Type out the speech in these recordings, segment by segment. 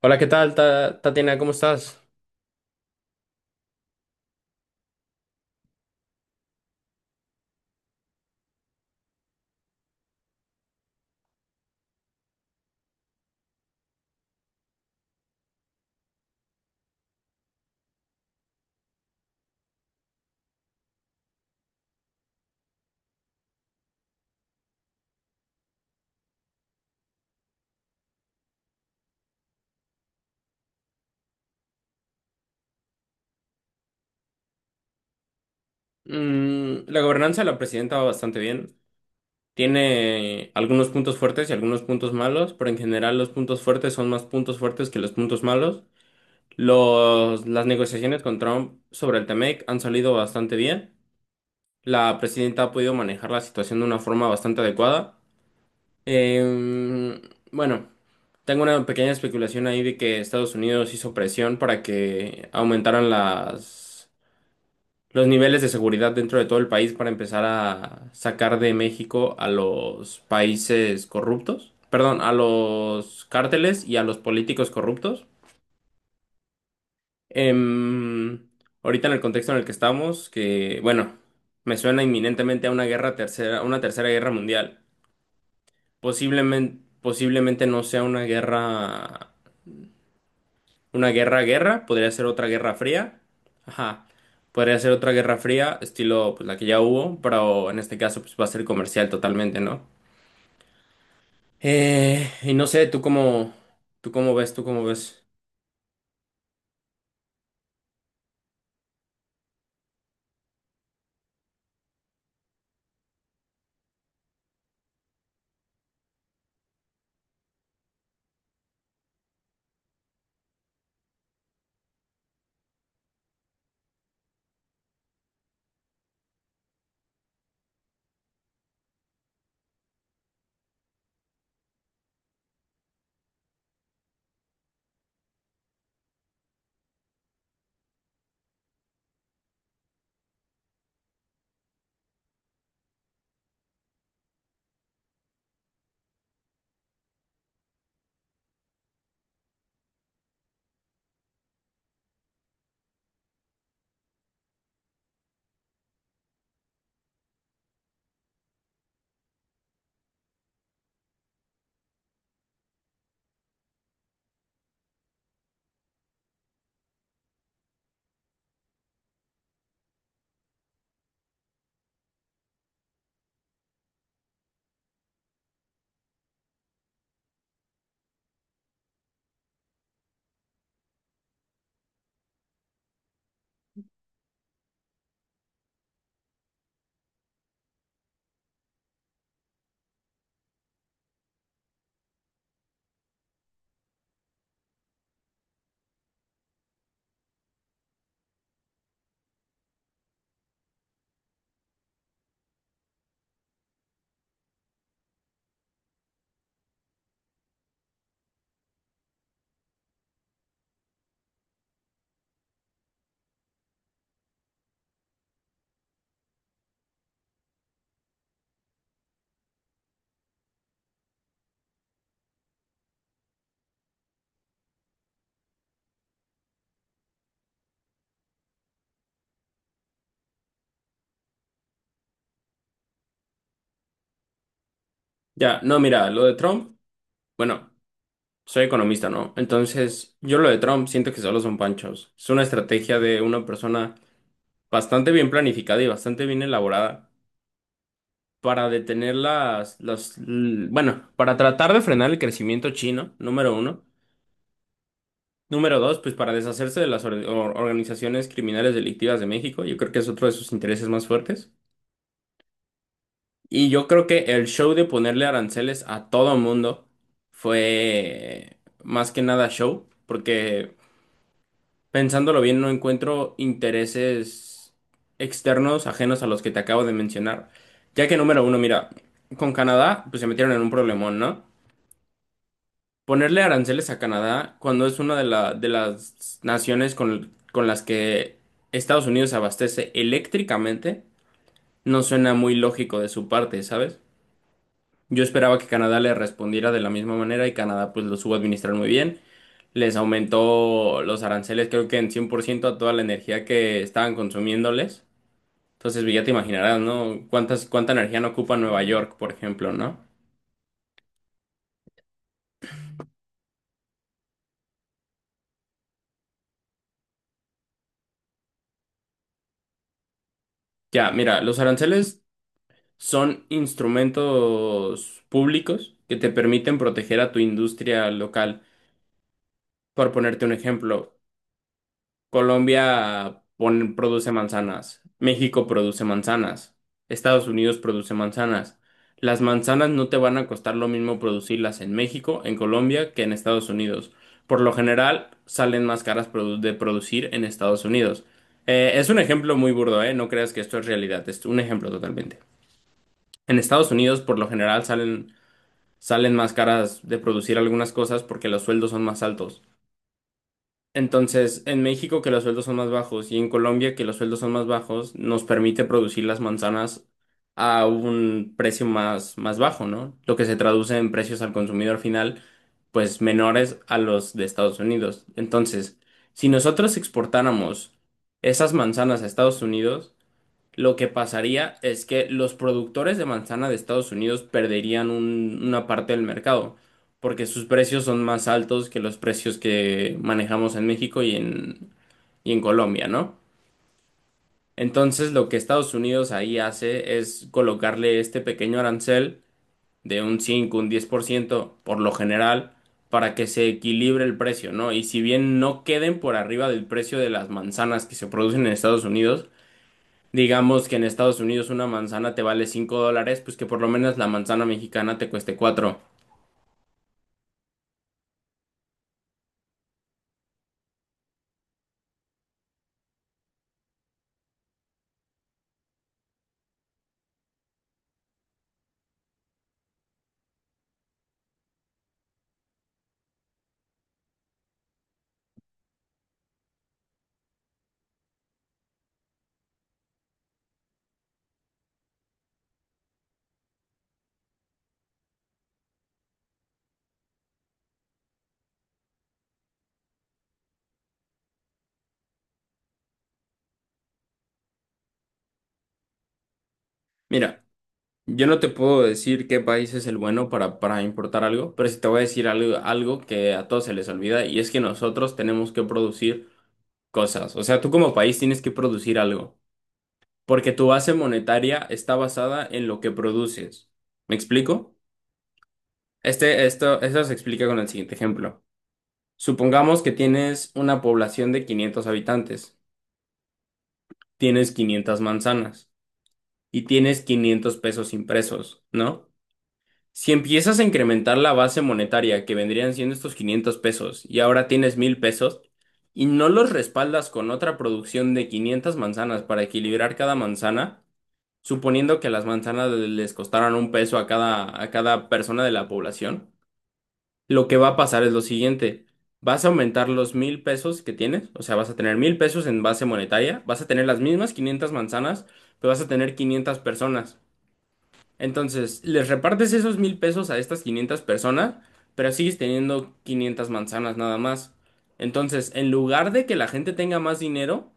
Hola, ¿qué tal, Tatiana? ¿Cómo estás? Mm, la gobernanza de la presidenta va bastante bien. Tiene algunos puntos fuertes y algunos puntos malos, pero en general los puntos fuertes son más puntos fuertes que los puntos malos. Las negociaciones con Trump sobre el TEMEC han salido bastante bien. La presidenta ha podido manejar la situación de una forma bastante adecuada. Em, bueno, tengo una pequeña especulación ahí de que Estados Unidos hizo presión para que aumentaran las los niveles de seguridad dentro de todo el país para empezar a sacar de México a los países corruptos, perdón, a los cárteles y a los políticos corruptos. Em, ahorita en el contexto en el que estamos, que bueno, me suena inminentemente a una guerra tercera, una tercera guerra mundial. Posiblemente no sea una guerra. Una guerra, podría ser otra guerra fría. Ajá. Podría ser otra guerra fría, estilo pues la que ya hubo, pero en este caso pues va a ser comercial totalmente, ¿no? Y no sé, tú cómo ves, tú cómo ves. Ya, no, mira, lo de Trump, bueno, soy economista, ¿no? Entonces, yo lo de Trump siento que solo son panchos. Es una estrategia de una persona bastante bien planificada y bastante bien elaborada para detener bueno, para tratar de frenar el crecimiento chino, número uno. Número dos, pues para deshacerse de las organizaciones criminales delictivas de México, yo creo que es otro de sus intereses más fuertes. Y yo creo que el show de ponerle aranceles a todo mundo fue más que nada show, porque pensándolo bien no encuentro intereses externos ajenos a los que te acabo de mencionar. Ya que número uno, mira, con Canadá pues se metieron en un problemón, ¿no? Ponerle aranceles a Canadá cuando es una de las naciones con las que Estados Unidos se abastece eléctricamente, no suena muy lógico de su parte, ¿sabes? Yo esperaba que Canadá le respondiera de la misma manera y Canadá pues lo supo administrar muy bien. Les aumentó los aranceles creo que en 100% a toda la energía que estaban consumiéndoles. Entonces pues, ya te imaginarás, ¿no? ¿ Cuánta energía no ocupa Nueva York, por ejemplo, ¿no? Ya, mira, los aranceles son instrumentos públicos que te permiten proteger a tu industria local. Por ponerte un ejemplo, Colombia produce manzanas, México produce manzanas, Estados Unidos produce manzanas. Las manzanas no te van a costar lo mismo producirlas en México, en Colombia, que en Estados Unidos. Por lo general, salen más caras de producir en Estados Unidos. Es un ejemplo muy burdo, ¿eh? No creas que esto es realidad, es un ejemplo totalmente. En Estados Unidos, por lo general, salen más caras de producir algunas cosas porque los sueldos son más altos. Entonces, en México que los sueldos son más bajos y en Colombia que los sueldos son más bajos, nos permite producir las manzanas a un precio más bajo, ¿no? Lo que se traduce en precios al consumidor final, pues menores a los de Estados Unidos. Entonces, si nosotros exportáramos esas manzanas a Estados Unidos, lo que pasaría es que los productores de manzana de Estados Unidos perderían una parte del mercado, porque sus precios son más altos que los precios que manejamos en México y en Colombia, ¿no? Entonces, lo que Estados Unidos ahí hace es colocarle este pequeño arancel de un 5, un 10%, por lo general, para que se equilibre el precio, ¿no? Y si bien no queden por arriba del precio de las manzanas que se producen en Estados Unidos, digamos que en Estados Unidos una manzana te vale 5 dólares, pues que por lo menos la manzana mexicana te cueste cuatro. Mira, yo no te puedo decir qué país es el bueno para importar algo, pero sí te voy a decir algo, algo que a todos se les olvida y es que nosotros tenemos que producir cosas. O sea, tú como país tienes que producir algo, porque tu base monetaria está basada en lo que produces. ¿Me explico? Esto se explica con el siguiente ejemplo. Supongamos que tienes una población de 500 habitantes. Tienes 500 manzanas y tienes 500 pesos impresos, ¿no? Si empiezas a incrementar la base monetaria que vendrían siendo estos 500 pesos y ahora tienes 1000 pesos y no los respaldas con otra producción de 500 manzanas para equilibrar cada manzana, suponiendo que las manzanas les costaran un peso a cada persona de la población, lo que va a pasar es lo siguiente. Vas a aumentar los mil pesos que tienes, o sea, vas a tener mil pesos en base monetaria, vas a tener las mismas 500 manzanas, pero vas a tener 500 personas. Entonces, les repartes esos mil pesos a estas 500 personas, pero sigues teniendo 500 manzanas nada más. Entonces, en lugar de que la gente tenga más dinero,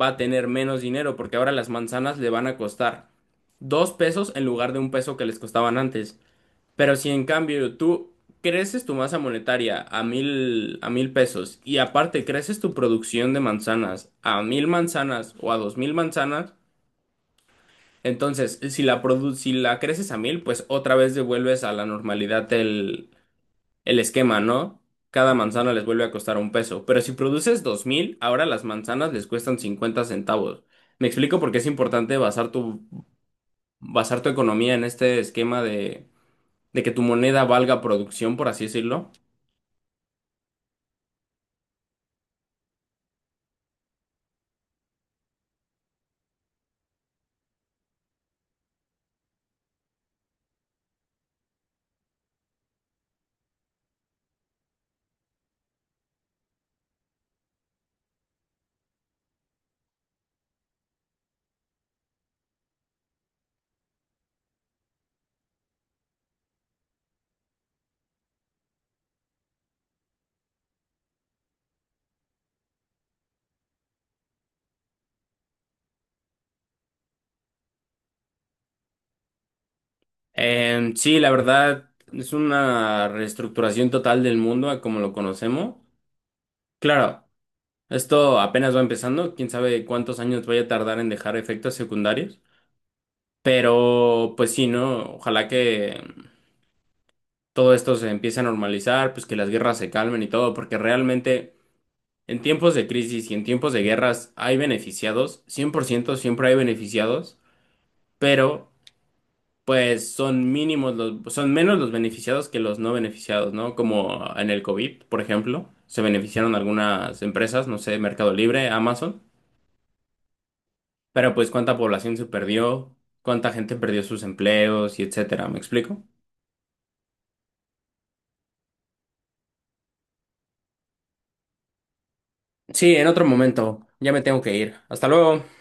va a tener menos dinero, porque ahora las manzanas le van a costar dos pesos en lugar de un peso que les costaban antes. Pero si en cambio tú creces tu masa monetaria a 1000 pesos y aparte creces tu producción de manzanas a 1000 manzanas o a 2000 manzanas, entonces si si la creces a 1000, pues otra vez devuelves a la normalidad el esquema, ¿no? Cada manzana les vuelve a costar un peso. Pero si produces 2000, ahora las manzanas les cuestan 50 centavos. Me explico por qué es importante basar tu economía en este esquema de que tu moneda valga producción, por así decirlo. Sí, la verdad es una reestructuración total del mundo a como lo conocemos. Claro, esto apenas va empezando, quién sabe cuántos años vaya a tardar en dejar efectos secundarios, pero pues sí, ¿no? Ojalá que todo esto se empiece a normalizar, pues que las guerras se calmen y todo, porque realmente en tiempos de crisis y en tiempos de guerras hay beneficiados. 100% siempre hay beneficiados, pero pues son mínimos los, son menos los beneficiados que los no beneficiados, ¿no? Como en el COVID, por ejemplo, se beneficiaron algunas empresas, no sé, Mercado Libre, Amazon, pero pues cuánta población se perdió, cuánta gente perdió sus empleos y etcétera, ¿me explico? Sí, en otro momento, ya me tengo que ir. Hasta luego.